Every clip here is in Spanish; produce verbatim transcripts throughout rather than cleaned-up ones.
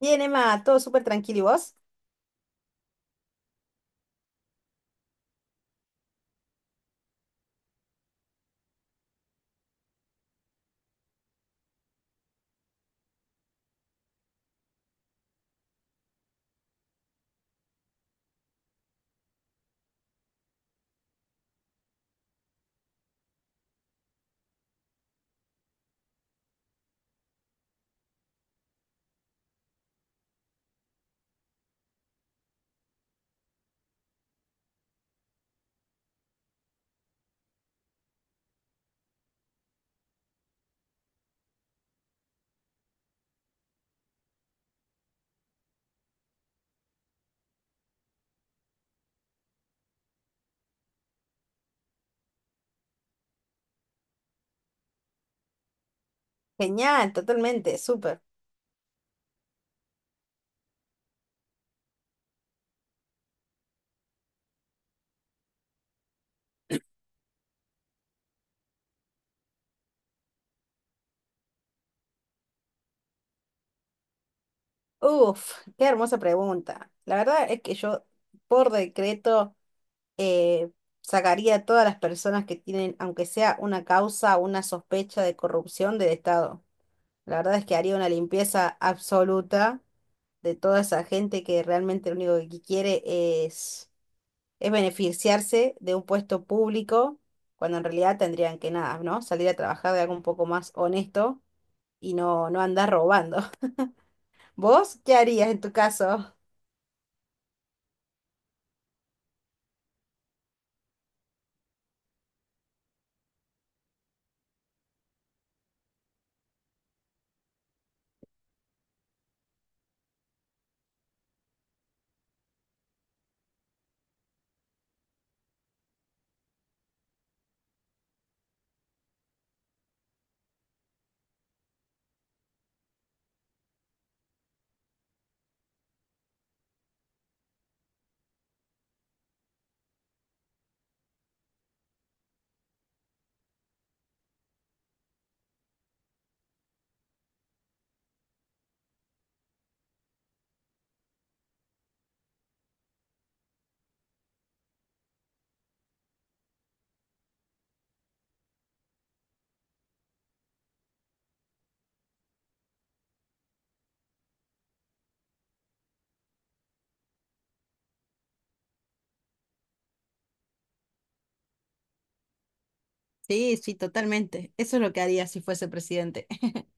Bien, Emma, todo súper tranquilo. ¿Y vos? Genial, totalmente, súper. Uf, qué hermosa pregunta. La verdad es que yo, por decreto, eh, sacaría a todas las personas que tienen, aunque sea una causa o una sospecha de corrupción del Estado. La verdad es que haría una limpieza absoluta de toda esa gente que realmente lo único que quiere es, es beneficiarse de un puesto público, cuando en realidad tendrían que nada, ¿no? Salir a trabajar de algo un poco más honesto y no, no andar robando. ¿Vos qué harías en tu caso? Sí, sí, totalmente. Eso es lo que haría si fuese presidente.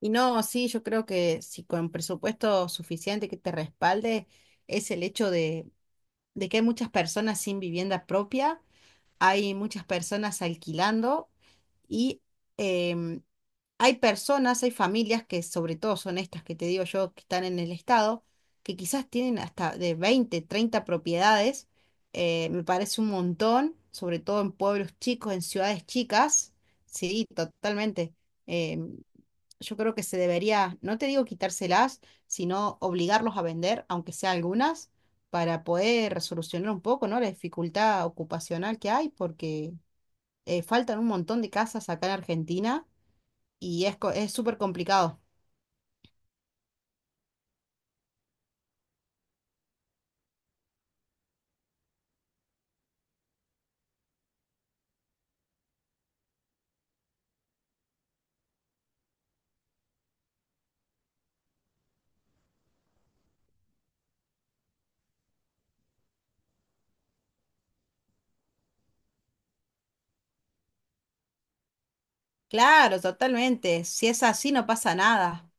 Y no, sí, yo creo que si con presupuesto suficiente que te respalde es el hecho de, de que hay muchas personas sin vivienda propia, hay muchas personas alquilando y em, hay personas, hay familias que sobre todo son estas que te digo yo, que están en el estado, que quizás tienen hasta de veinte, treinta propiedades. Eh, me parece un montón, sobre todo en pueblos chicos, en ciudades chicas. Sí, totalmente. Eh, yo creo que se debería, no te digo quitárselas, sino obligarlos a vender, aunque sea algunas, para poder resolucionar un poco, ¿no? La dificultad ocupacional que hay, porque eh, faltan un montón de casas acá en Argentina y es, co- es súper complicado. Claro, totalmente. Si es así, no pasa nada.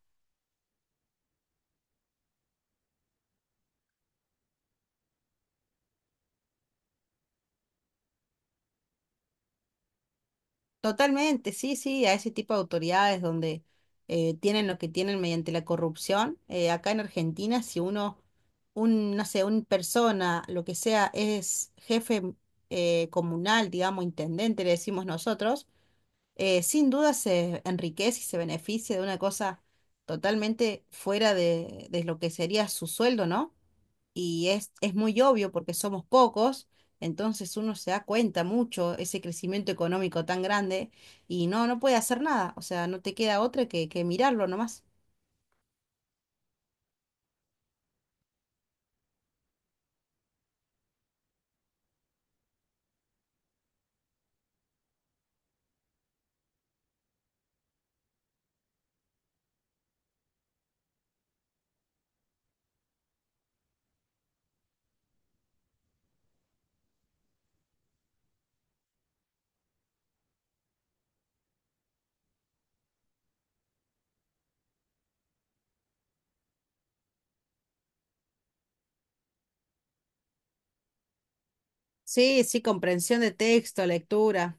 Totalmente, sí, sí, a ese tipo de autoridades donde eh, tienen lo que tienen mediante la corrupción. Eh, acá en Argentina, si uno, un, no sé, una persona, lo que sea, es jefe eh, comunal, digamos, intendente, le decimos nosotros, eh, sin duda se enriquece y se beneficia de una cosa totalmente fuera de, de lo que sería su sueldo, ¿no? Y es, es muy obvio porque somos pocos, entonces uno se da cuenta mucho ese crecimiento económico tan grande y no, no puede hacer nada, o sea, no te queda otra que, que mirarlo nomás. Sí, sí, comprensión de texto, lectura,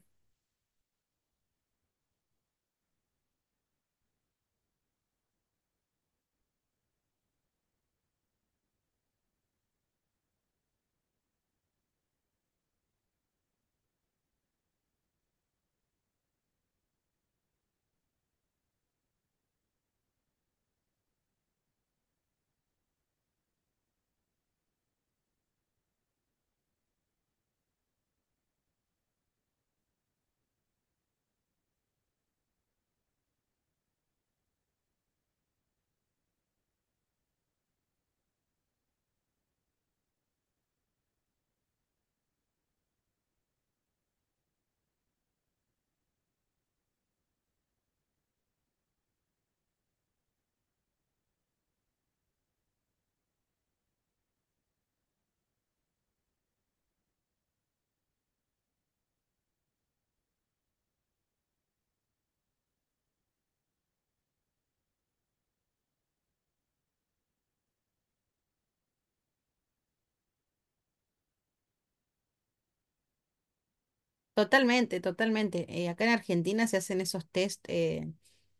totalmente, totalmente. Eh, acá en Argentina se hacen esos test eh,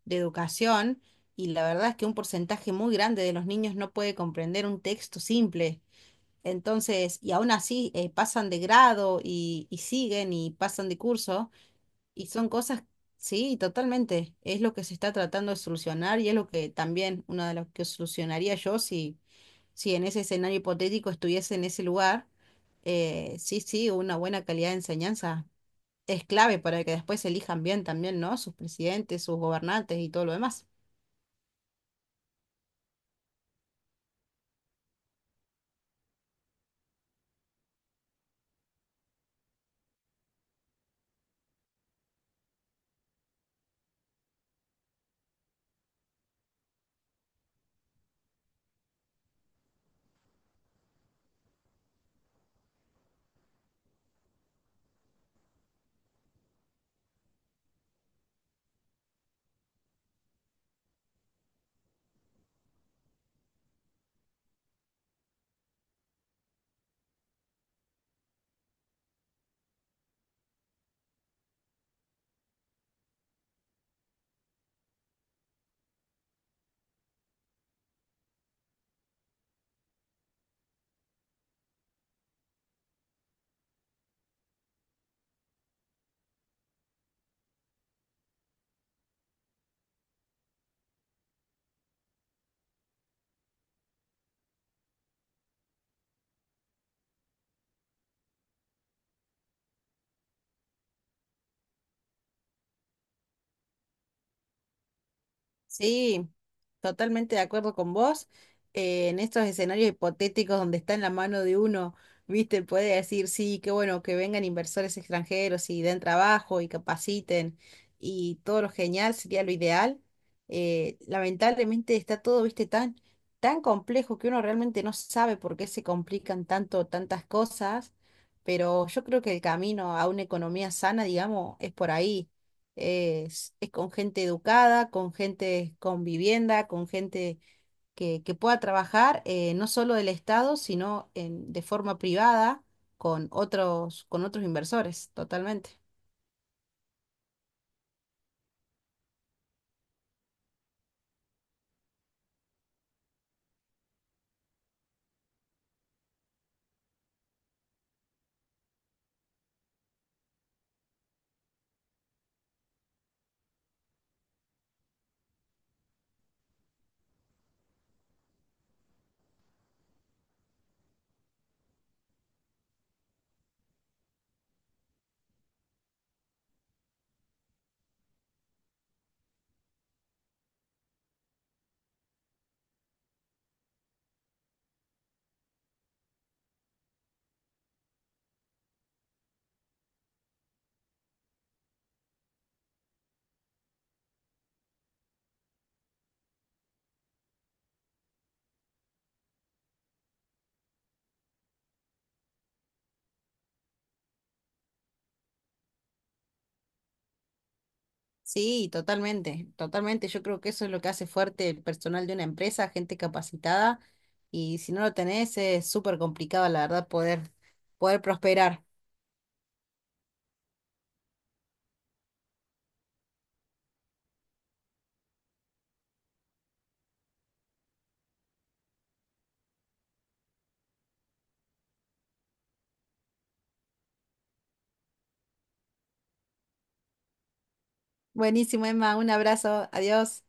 de educación y la verdad es que un porcentaje muy grande de los niños no puede comprender un texto simple. Entonces, y aún así eh, pasan de grado y, y siguen y pasan de curso. Y son cosas, sí, totalmente. Es lo que se está tratando de solucionar y es lo que también, una de las que solucionaría yo si, si en ese escenario hipotético estuviese en ese lugar. Eh, sí, sí, una buena calidad de enseñanza es clave para que después elijan bien también, ¿no? Sus presidentes, sus gobernantes y todo lo demás. Sí, totalmente de acuerdo con vos. Eh, en estos escenarios hipotéticos donde está en la mano de uno, viste, puede decir, sí, qué bueno que vengan inversores extranjeros y den trabajo y capaciten y todo lo genial sería lo ideal. Eh, lamentablemente está todo, viste, tan, tan complejo que uno realmente no sabe por qué se complican tanto tantas cosas, pero yo creo que el camino a una economía sana, digamos, es por ahí es, es con gente educada, con gente con vivienda, con gente que, que pueda trabajar, eh, no solo del Estado, sino en- de forma privada con otros, con otros inversores, totalmente. Sí, totalmente, totalmente. Yo creo que eso es lo que hace fuerte el personal de una empresa, gente capacitada, y si no lo tenés, es súper complicado, la verdad, poder, poder prosperar. Buenísimo, Emma, un abrazo, adiós.